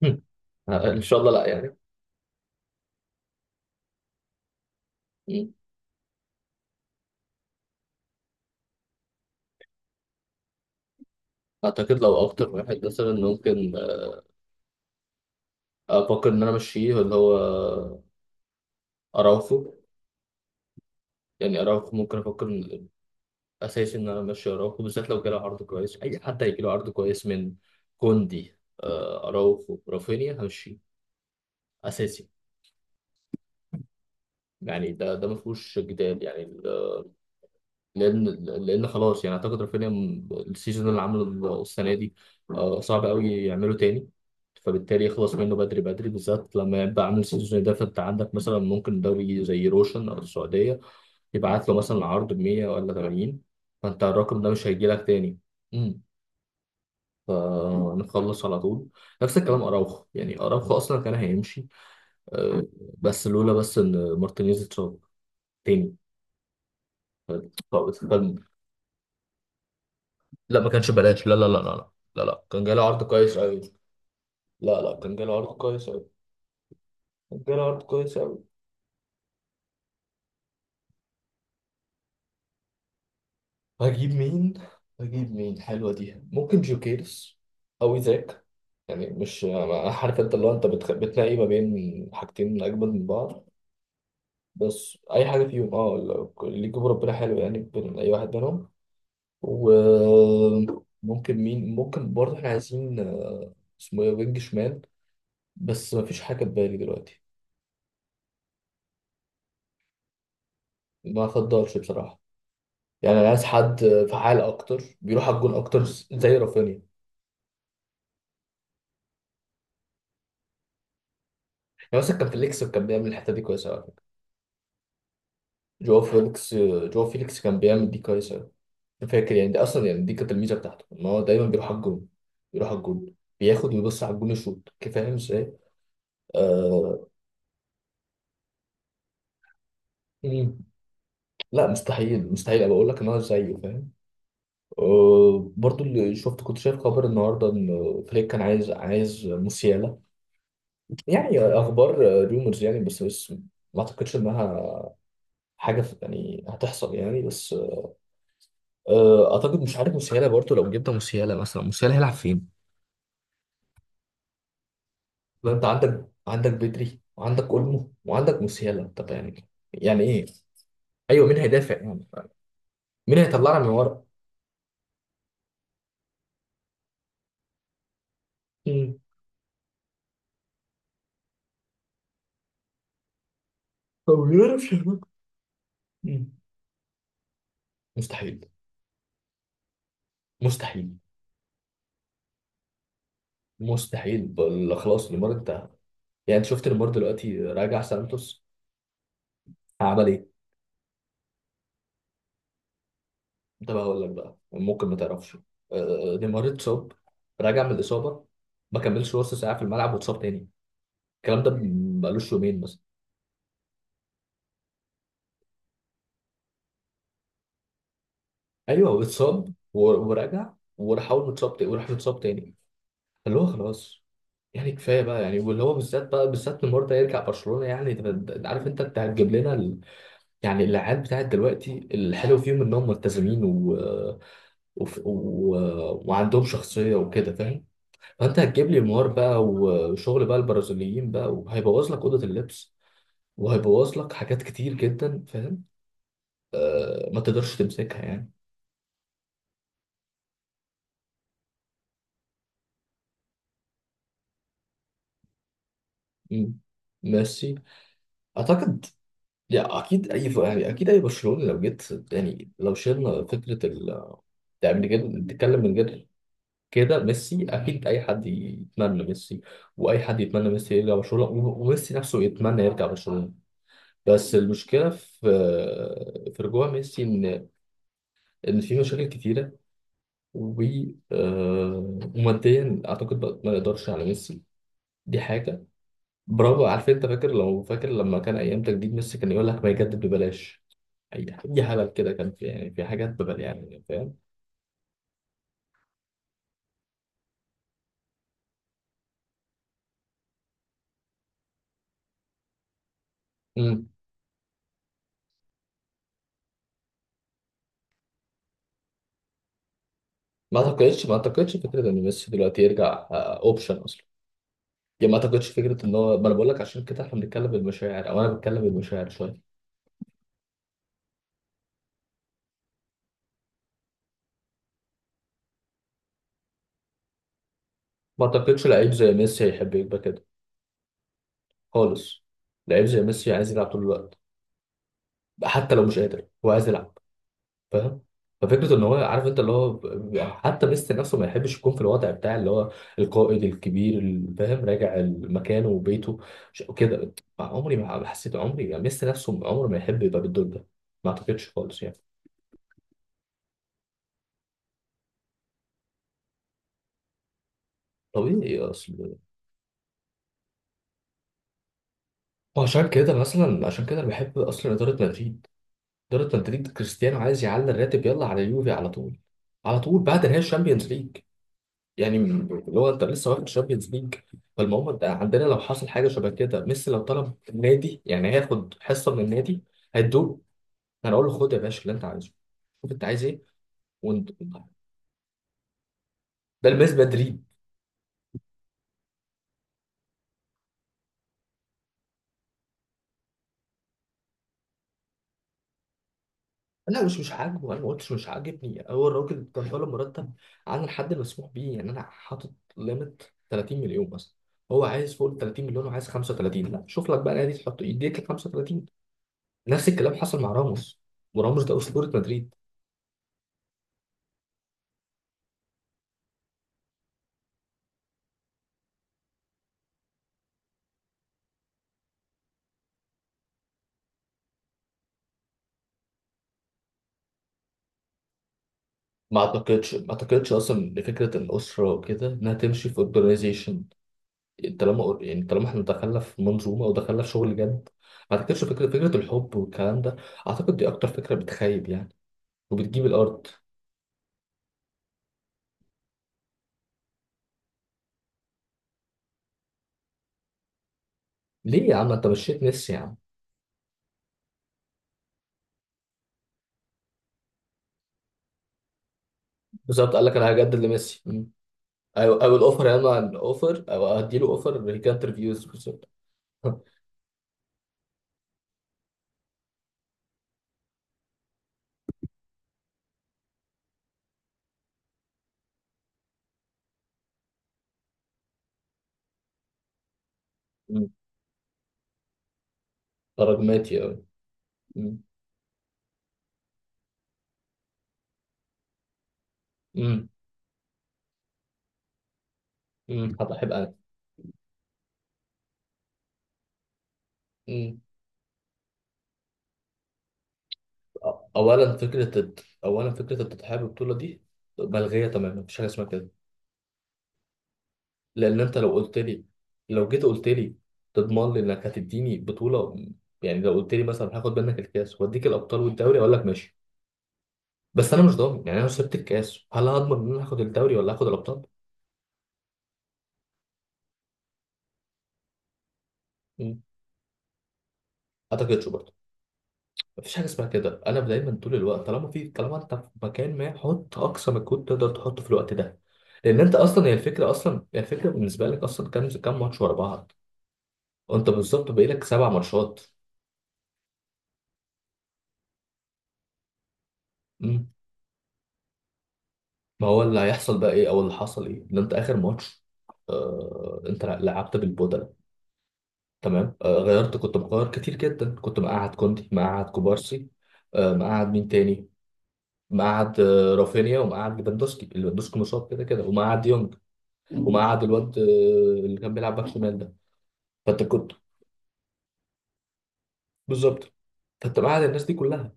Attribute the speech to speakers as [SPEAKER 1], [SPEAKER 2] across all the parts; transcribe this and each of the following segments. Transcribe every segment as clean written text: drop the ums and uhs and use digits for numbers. [SPEAKER 1] مم. ان شاء الله لا يعني. مم. اعتقد لو اكتر واحد مثلا ممكن افكر ان انا امشيه اللي هو اراوخو. يعني اراوخو ممكن افكر اساسي، ان انا امشي اراوخو بالذات لو جاله عرض كويس. اي حد هيجي له عرض كويس من كوندي. اراوخو رافينيا همشي اساسي. يعني ده ما فيهوش جدال يعني. لان لان خلاص. يعني اعتقد رافينيا، السيزون اللي عمله السنه دي، صعب قوي يعمله تاني. فبالتالي يخلص منه بدري بدري، بالذات لما يبقى عامل سيزون ده. فانت عندك مثلا ممكن دوري زي روشن او السعوديه يبعت له مثلا عرض ب 100 ولا 80، فانت الرقم ده مش هيجي لك تاني. امم. فنخلص على طول. نفس الكلام اراوخو. يعني اراوخو اصلا كان هيمشي، آه، بس ان مارتينيز اتصاب تاني. لا ما كانش بلاش، لا لا لا لا لا. لا لا، كان جاله عرض كويس قوي. لا لا، كان جاله عرض كويس قوي. كان جاله عرض كويس قوي. هجيب مين؟ هجيب مين حلوه دي؟ ممكن جوكيرس او ايزاك. يعني مش أنا عارف، انت اللي هو انت بتلاقي ما بين حاجتين اجمد من بعض. بس اي حاجه فيهم، اللي يجيبه ربنا حلو يعني، بين اي واحد منهم. وممكن مين، ممكن برضه احنا عايزين، اسمه ايه، وينج شمال. بس مفيش حاجه في بالي دلوقتي. ما افضلش بصراحه. يعني انا عايز حد فعال اكتر، بيروح على الجون اكتر، زي رافينيا. يعني مثلا كان فيليكس كان بيعمل الحته دي كويسه على فكره. جواو فيليكس كان بيعمل دي كويسه. أنا فاكر يعني دي اصلا، يعني دي كانت الميزه بتاعته ان هو دايما بيروح على الجون. بيروح على الجون، بياخد ويبص على الجون يشوط، كيف؟ فاهم ازاي؟ آه... مم. لا مستحيل، مستحيل أبقى اقول لك ان هو زيه، فاهم. برضو اللي شفت، كنت شايف خبر النهارده ان فليك كان عايز موسيالا. يعني اخبار ريومرز يعني، بس ما اعتقدش انها حاجه يعني هتحصل يعني. بس اعتقد مش عارف. مسياله برضه، لو جبنا مسياله مثلا، مسياله هيلعب فين؟ ما انت عندك بدري، وعندك اولمو، وعندك مسياله. طب يعني يعني ايه؟ ايوه، مين هيدافع يعني؟ مين هيطلعنا من ورا؟ مم. هو بيعرف يعمل. مم. مستحيل. مستحيل مستحيل خلاص نيمار، انت يعني انت شفت نيمار دلوقتي راجع سانتوس؟ عمل ايه؟ ده بقى هقول لك بقى ممكن ما تعرفش. نيمار اتصاب، راجع من الاصابه، ما كملش نص ساعه في الملعب واتصاب تاني. الكلام ده بقالوش يومين مثلا. ايوه هو اتصاب ورجع وراح. اول ما اتصاب تاني وراح اتصاب تاني، اللي هو خلاص. يعني كفايه بقى يعني. واللي هو بالذات بقى، بالذات نيمار ده يرجع برشلونه؟ يعني ده، عارف انت هتجيب لنا ال... يعني العيال بتاعت دلوقتي الحلو فيهم انهم ملتزمين و... وف- و... وعندهم شخصيه وكده، فاهم؟ فانت هتجيب لي نيمار بقى، وشغل بقى البرازيليين بقى، وهيبوظ لك اوضه اللبس، وهيبوظ لك حاجات كتير جدا، فاهم. ما تقدرش تمسكها يعني. مم. ميسي. اعتقد يعني اكيد اي يعني اكيد اي برشلوني لو جيت، يعني لو شلنا فكره ال، يعني من غير تتكلم، من غير كده، ميسي اكيد اي حد يتمنى ميسي. واي حد يتمنى ميسي يرجع برشلونه، وميسي نفسه يتمنى يرجع برشلونه. بس المشكله في، في رجوع ميسي، ان ان في مشاكل كتيره، و وماديا اعتقد بقى ما نقدرش على ميسي. دي حاجه. برافو، عارف انت فاكر؟ لو فاكر لما كان ايام تجديد ميسي كان يقول لك ما يجدد ببلاش. اي، أي هبل كده كان في، يعني في حاجات ببل يعني، فاهم. امم. ما اعتقدش فكره ان ميسي دلوقتي يرجع اوبشن اصلا. يعني ما اعتقدش فكره ان هو، ما انا بقول لك عشان كده احنا بنتكلم بالمشاعر، او انا بتكلم بالمشاعر شويه. ما اعتقدش لعيب زي ميسي هيحب يبقى كده خالص. لعيب زي ميسي عايز يلعب طول الوقت. حتى لو مش قادر هو عايز يلعب، فاهم. ففكره ان هو، عارف انت اللي هو حتى ميسي نفسه ما يحبش يكون في الوضع بتاع اللي هو القائد الكبير اللي فاهم راجع مكانه وبيته وكده. عمري ما حسيت، عمري يعني ميسي نفسه عمره ما يحب يبقى بالدور ده. ما اعتقدش خالص يعني. طبيعي اصل. وعشان كده مثلا، عشان كده انا بحب اصلا اداره مدريد. اداره مدريد، كريستيانو عايز يعلي الراتب، يلا على اليوفي على طول. على طول بعد نهائي الشامبيونز ليج، يعني اللي هو انت لسه واخد الشامبيونز ليج. فالمهم انت عندنا لو حصل حاجه شبه كده، ميسي لو طلب النادي يعني هياخد حصه من النادي هيدوله. هنقول له خد يا باشا اللي انت عايزه، شوف انت عايز ايه. وانت، ده الميز مدريد. لا مش عاجبه، انا ما قلتش مش عاجبني. هو الراجل كان طالب مرتب عن الحد المسموح بيه، يعني انا حاطط ليميت 30 مليون مثلا. هو عايز فوق ال 30 مليون وعايز 35. لا، شوف لك بقى نادي تحط يديك ال 35. نفس الكلام حصل مع راموس، وراموس ده اسطوره مدريد. ما اعتقدش اصلا ان فكره الاسره وكده انها تمشي في اورجانيزيشن. طالما يعني طالما احنا دخلنا في منظومه او دخلنا في شغل جد، ما اعتقدش فكره الحب والكلام ده. اعتقد دي اكتر فكره بتخيب يعني، وبتجيب الارض. ليه يا عم انت مشيت ميسي يا عم؟ بالظبط، قال لك انا هجدد لميسي. مم. او الاوفر يا عم، الاوفر او هديله اوفر، هي كانت ريفيوز بالظبط. مم. ده رقماتي قوي. هبقى احب. انا اولا، فكره اولا فكره التضحيه بالبطوله دي ملغيه تماما، مفيش حاجه اسمها كده. لان انت لو قلت لي، لو جيت قلت لي تضمن لي انك هتديني بطوله، يعني لو قلت لي مثلا هاخد منك الكاس واديك الابطال والدوري، اقول لك ماشي. بس انا مش ضامن. يعني انا لو سبت الكاس، هل هضمن ان انا هاخد الدوري ولا هاخد الابطال؟ ما اعتقدش برضه. مفيش حاجه اسمها كده. انا دايما طول الوقت، طالما في، طالما انت في مكان، ما حط اقصى مجهود تقدر تحطه في الوقت ده. لان انت اصلا هي الفكره، اصلا هي الفكره بالنسبه لك، اصلا كام ماتش ورا بعض؟ وانت بالظبط بقالك 7 ماتشات. مم. ما هو اللي هيحصل بقى ايه، او اللي حصل ايه، ان انت اخر ماتش انت لعبت بالبودلة. تمام، غيرت، كنت مغير كتير جدا، كنت مقعد كوندي، مقعد كوبارسي، مقعد مين تاني، مقعد رافينيا، ومقعد ليفاندوسكي. ليفاندوسكي مصاب كده كده. ومقعد يونج، ومقعد الواد اللي كان بيلعب باك شمال ده. فانت كنت، بالظبط. فانت مقعد الناس دي كلها،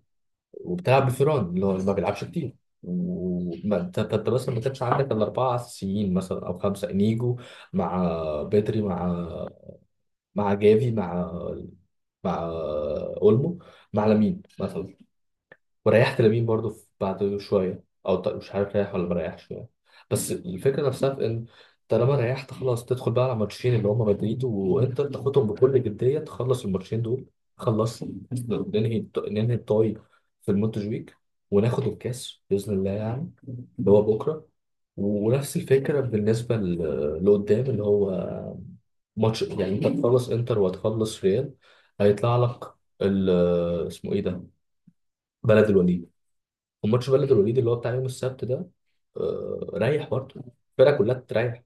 [SPEAKER 1] وبتلعب بفيران اللي هو اللي ما بيلعبش كتير. وما انت انت مثلا ما كانش عندك الا 4 اساسيين مثلا او خمسه. انيجو مع بدري مع جافي مع اولمو مع لامين مثلا. وريحت لامين برضو بعد شويه، او مش عارف ريح ولا مريحش يعني. بس الفكره نفسها في ان، طالما ريحت خلاص، تدخل بقى على ماتشين اللي هم مدريد وانتر، تاخدهم بكل جديه، تخلص الماتشين دول. خلص. ننهي ننهي الطاي في المونتجويك، وناخد الكاس باذن الله يعني، اللي هو بكره. ونفس الفكره بالنسبه لقدام اللي هو ماتش. يعني انت هتخلص انتر وهتخلص ريال، هيطلع لك اسمه ايه ده، بلد الوليد. وماتش بلد الوليد اللي هو بتاع يوم السبت ده، ريح برضه. الفرقه كلها تريح.